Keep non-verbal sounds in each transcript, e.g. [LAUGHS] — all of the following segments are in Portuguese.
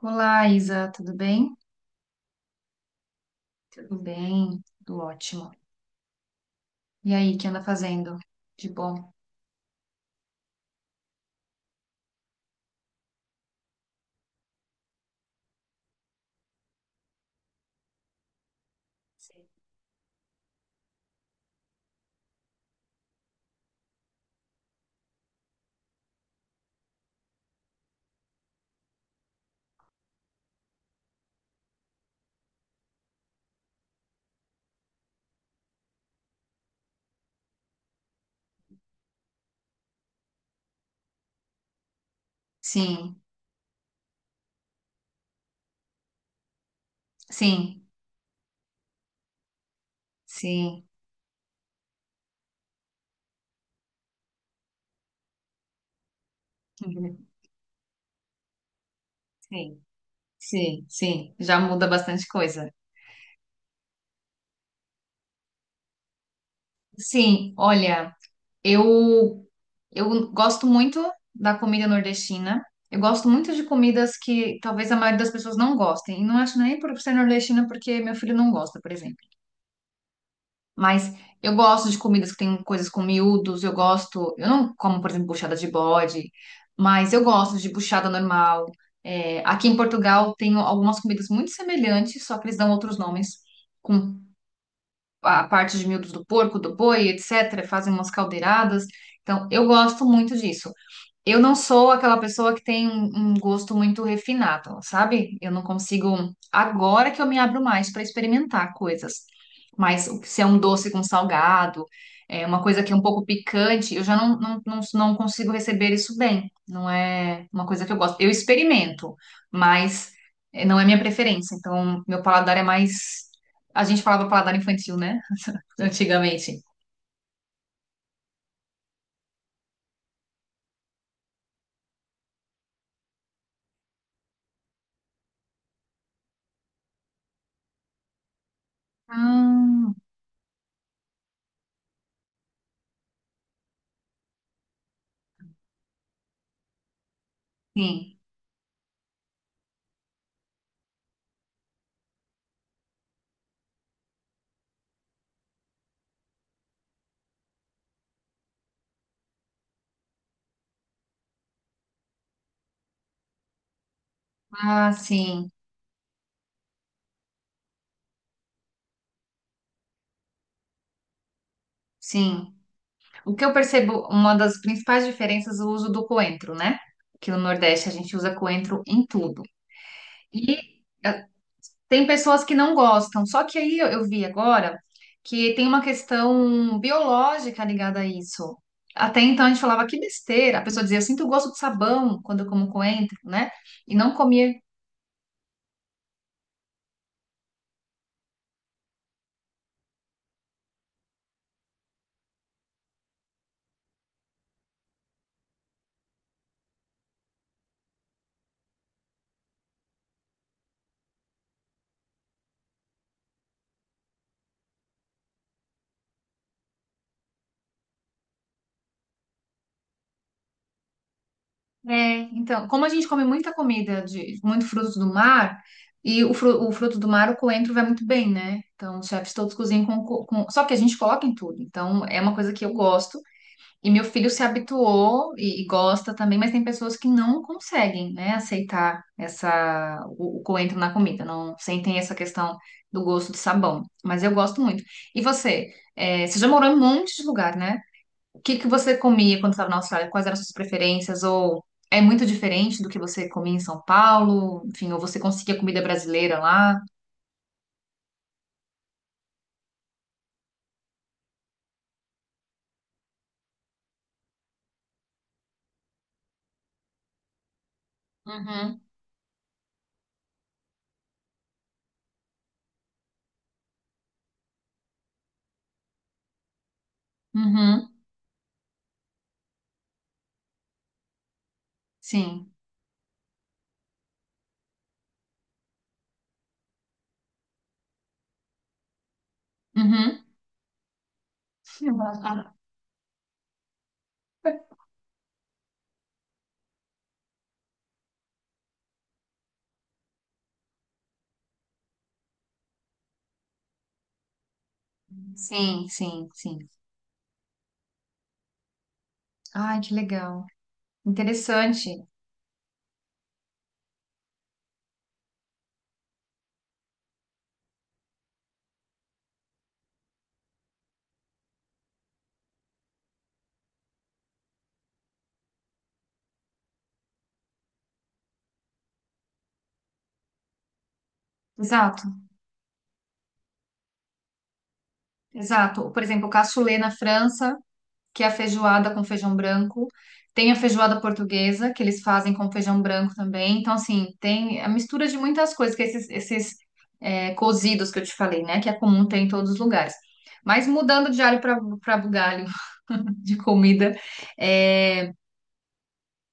Olá, Isa, tudo bem? Tudo bem, tudo ótimo. E aí, o que anda fazendo? De bom? Sim, sim, sim, sim, sim, sim. Já muda bastante coisa. Sim, olha, eu eu gosto muito da comida nordestina. Eu gosto muito de comidas que talvez a maioria das pessoas não gostem. E não acho nem por ser nordestina porque meu filho não gosta, por exemplo. Mas eu gosto de comidas que tem coisas com miúdos, eu gosto. Eu não como, por exemplo, buchada de bode, mas eu gosto de buchada normal. É, aqui em Portugal tem algumas comidas muito semelhantes, só que eles dão outros nomes, com a parte de miúdos do porco, do boi, etc. Fazem umas caldeiradas. Então, eu gosto muito disso. Eu não sou aquela pessoa que tem um gosto muito refinado, sabe? Eu não consigo. Agora que eu me abro mais para experimentar coisas. Mas se é um doce com salgado, é uma coisa que é um pouco picante, eu já não, não, não, não consigo receber isso bem. Não é uma coisa que eu gosto. Eu experimento, mas não é minha preferência. Então, meu paladar é mais. A gente falava paladar infantil, né? Antigamente. Ah, sim. Ah, sim. Sim. O que eu percebo, uma das principais diferenças é o uso do coentro, né? Que no Nordeste a gente usa coentro em tudo. E eh, tem pessoas que não gostam, só que aí eu vi agora que tem uma questão biológica ligada a isso. Até então a gente falava que besteira, a pessoa dizia, eu sinto o gosto de sabão quando eu como coentro, né? E não comia. É, então, como a gente come muita comida de muito frutos do mar, e o fruto do mar, o coentro vai muito bem, né? Então, os chefes todos cozinham com. Só que a gente coloca em tudo. Então, é uma coisa que eu gosto. E meu filho se habituou e gosta também, mas tem pessoas que não conseguem, né, aceitar essa, o coentro na comida, não sentem essa questão do gosto de sabão. Mas eu gosto muito. E você? É, você já morou em um monte de lugar, né? O que que você comia quando estava na Austrália? Quais eram as suas preferências? Ou é muito diferente do que você comia em São Paulo? Enfim, ou você conseguia comida brasileira lá? Uhum, uhum, sim. Uhum. [LAUGHS] Sim, sim, sim. Ai, que legal. Interessante. Exato, exato. Por exemplo, o cassoulet na França que é a feijoada com feijão branco. Tem a feijoada portuguesa, que eles fazem com feijão branco também. Então, assim, tem a mistura de muitas coisas, que é esses cozidos que eu te falei, né? Que é comum ter em todos os lugares. Mas mudando de alho para bugalho [LAUGHS] de comida, é,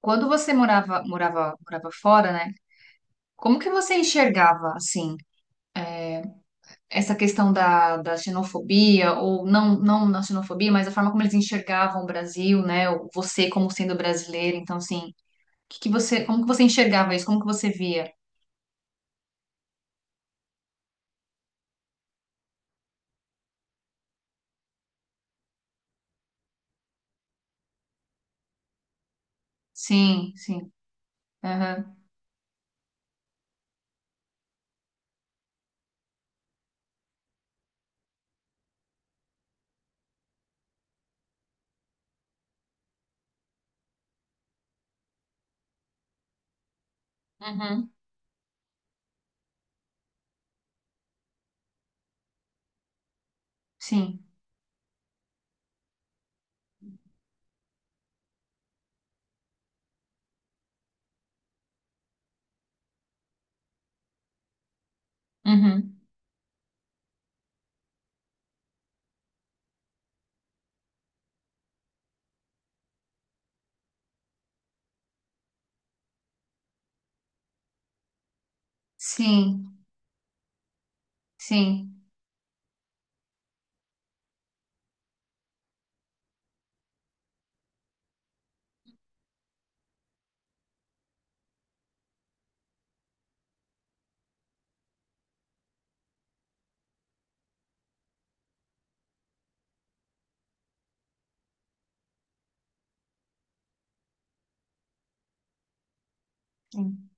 quando você morava fora, né? Como que você enxergava, assim, essa questão da xenofobia, ou não, não na xenofobia, mas a forma como eles enxergavam o Brasil, né? Ou você como sendo brasileiro. Então, assim, que você, como que você enxergava isso? Como que você via? Sim, sim. Aham. Uhum. Sim. Uhum. Sim. Sim. Sim.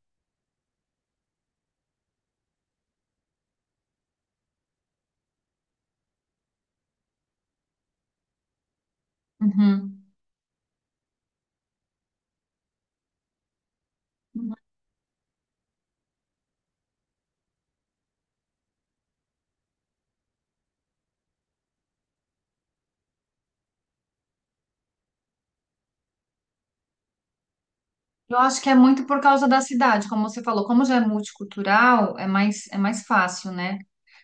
Uhum. Uhum. Eu acho que é muito por causa da cidade, como você falou, como já é multicultural, é mais fácil, né?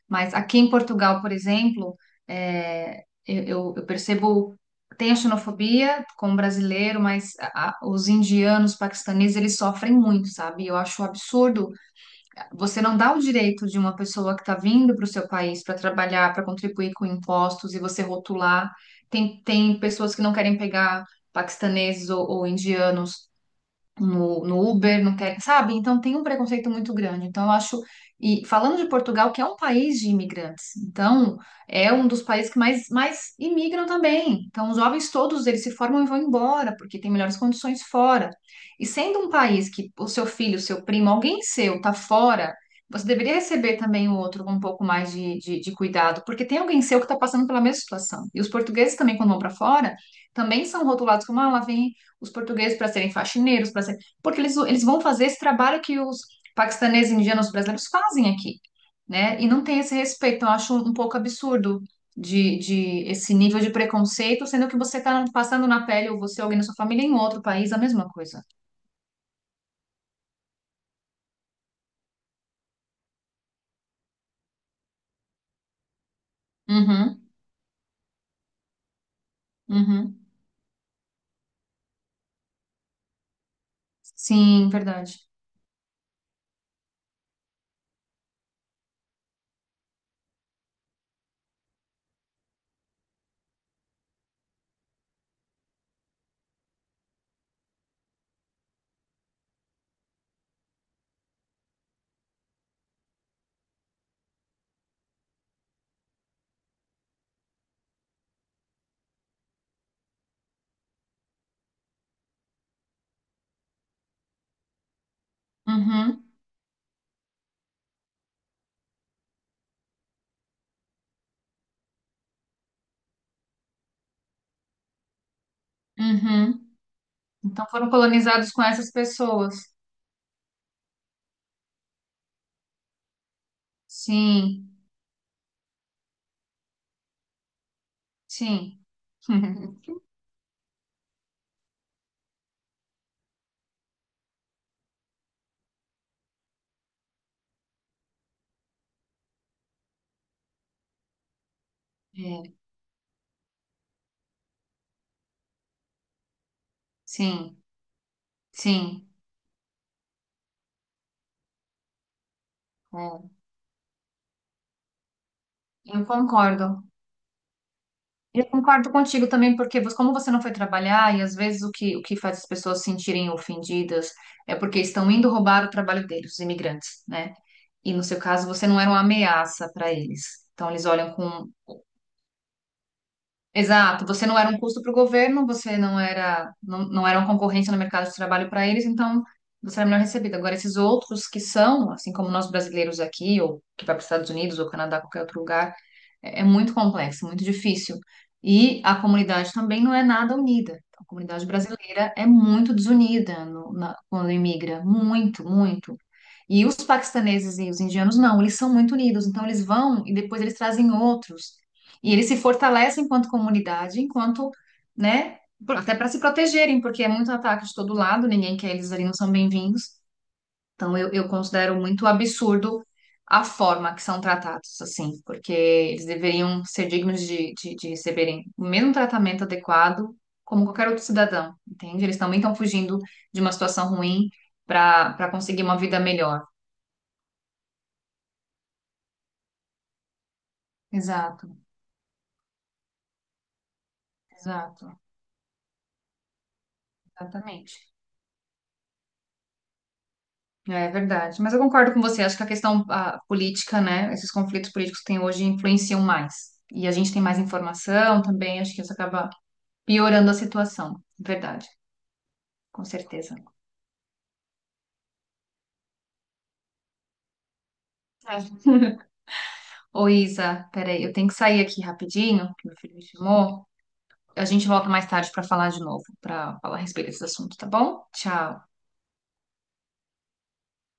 Mas aqui em Portugal, por exemplo, é, eu percebo, tem a xenofobia com o brasileiro, mas os indianos, paquistaneses, eles sofrem muito, sabe? Eu acho um absurdo você não dá o direito de uma pessoa que está vindo para o seu país para trabalhar, para contribuir com impostos e você rotular. Tem pessoas que não querem pegar paquistaneses ou indianos no Uber, não querem, sabe? Então tem um preconceito muito grande. Então eu acho, e falando de Portugal, que é um país de imigrantes, então é um dos países que mais imigram também. Então os jovens todos eles se formam e vão embora, porque tem melhores condições fora. E sendo um país que o seu filho, o seu primo, alguém seu tá fora, você deveria receber também o outro com um pouco mais de cuidado, porque tem alguém seu que está passando pela mesma situação. E os portugueses também, quando vão para fora, também são rotulados como, ah, lá vem os portugueses para serem faxineiros, para ser, porque eles vão fazer esse trabalho que os paquistaneses, indianos, brasileiros fazem aqui, né? E não tem esse respeito. Então, eu acho um pouco absurdo de esse nível de preconceito, sendo que você está passando na pele, ou você, ou alguém da sua família, em outro país, a mesma coisa. Uhum, uhum. Sim, verdade. Uhum, uhum. Então foram colonizados com essas pessoas. Sim, sim. [LAUGHS] É, sim, sim. É, eu concordo. Eu concordo contigo também, porque como você não foi trabalhar, e às vezes o que faz as pessoas se sentirem ofendidas é porque estão indo roubar o trabalho deles, os imigrantes, né? E no seu caso, você não era uma ameaça para eles. Então eles olham com. Exato, você não era um custo para o governo, você não era uma concorrência no mercado de trabalho para eles, então você era melhor recebido. Agora, esses outros que são, assim como nós brasileiros aqui, ou que vai para os Estados Unidos, ou Canadá, qualquer outro lugar é muito complexo, muito difícil. E a comunidade também não é nada unida. A comunidade brasileira é muito desunida quando imigra, muito, muito. E os paquistaneses e os indianos não, eles são muito unidos. Então eles vão e depois eles trazem outros. E eles se fortalecem enquanto comunidade, enquanto, né, até para se protegerem, porque é muito ataque de todo lado, ninguém quer eles ali, não são bem-vindos. Então, eu considero muito absurdo a forma que são tratados, assim, porque eles deveriam ser dignos de receberem o mesmo tratamento adequado como qualquer outro cidadão, entende? Eles também estão fugindo de uma situação ruim para conseguir uma vida melhor. Exato, exato, exatamente. É verdade. Mas eu concordo com você, acho que a questão a política, né, esses conflitos políticos que tem hoje influenciam mais. E a gente tem mais informação também, acho que isso acaba piorando a situação. Verdade. Com certeza. É. [LAUGHS] Ô, Isa, peraí, eu tenho que sair aqui rapidinho, que meu filho me chamou. A gente volta mais tarde para falar de novo, para falar a respeito desse assunto, tá bom? Tchau.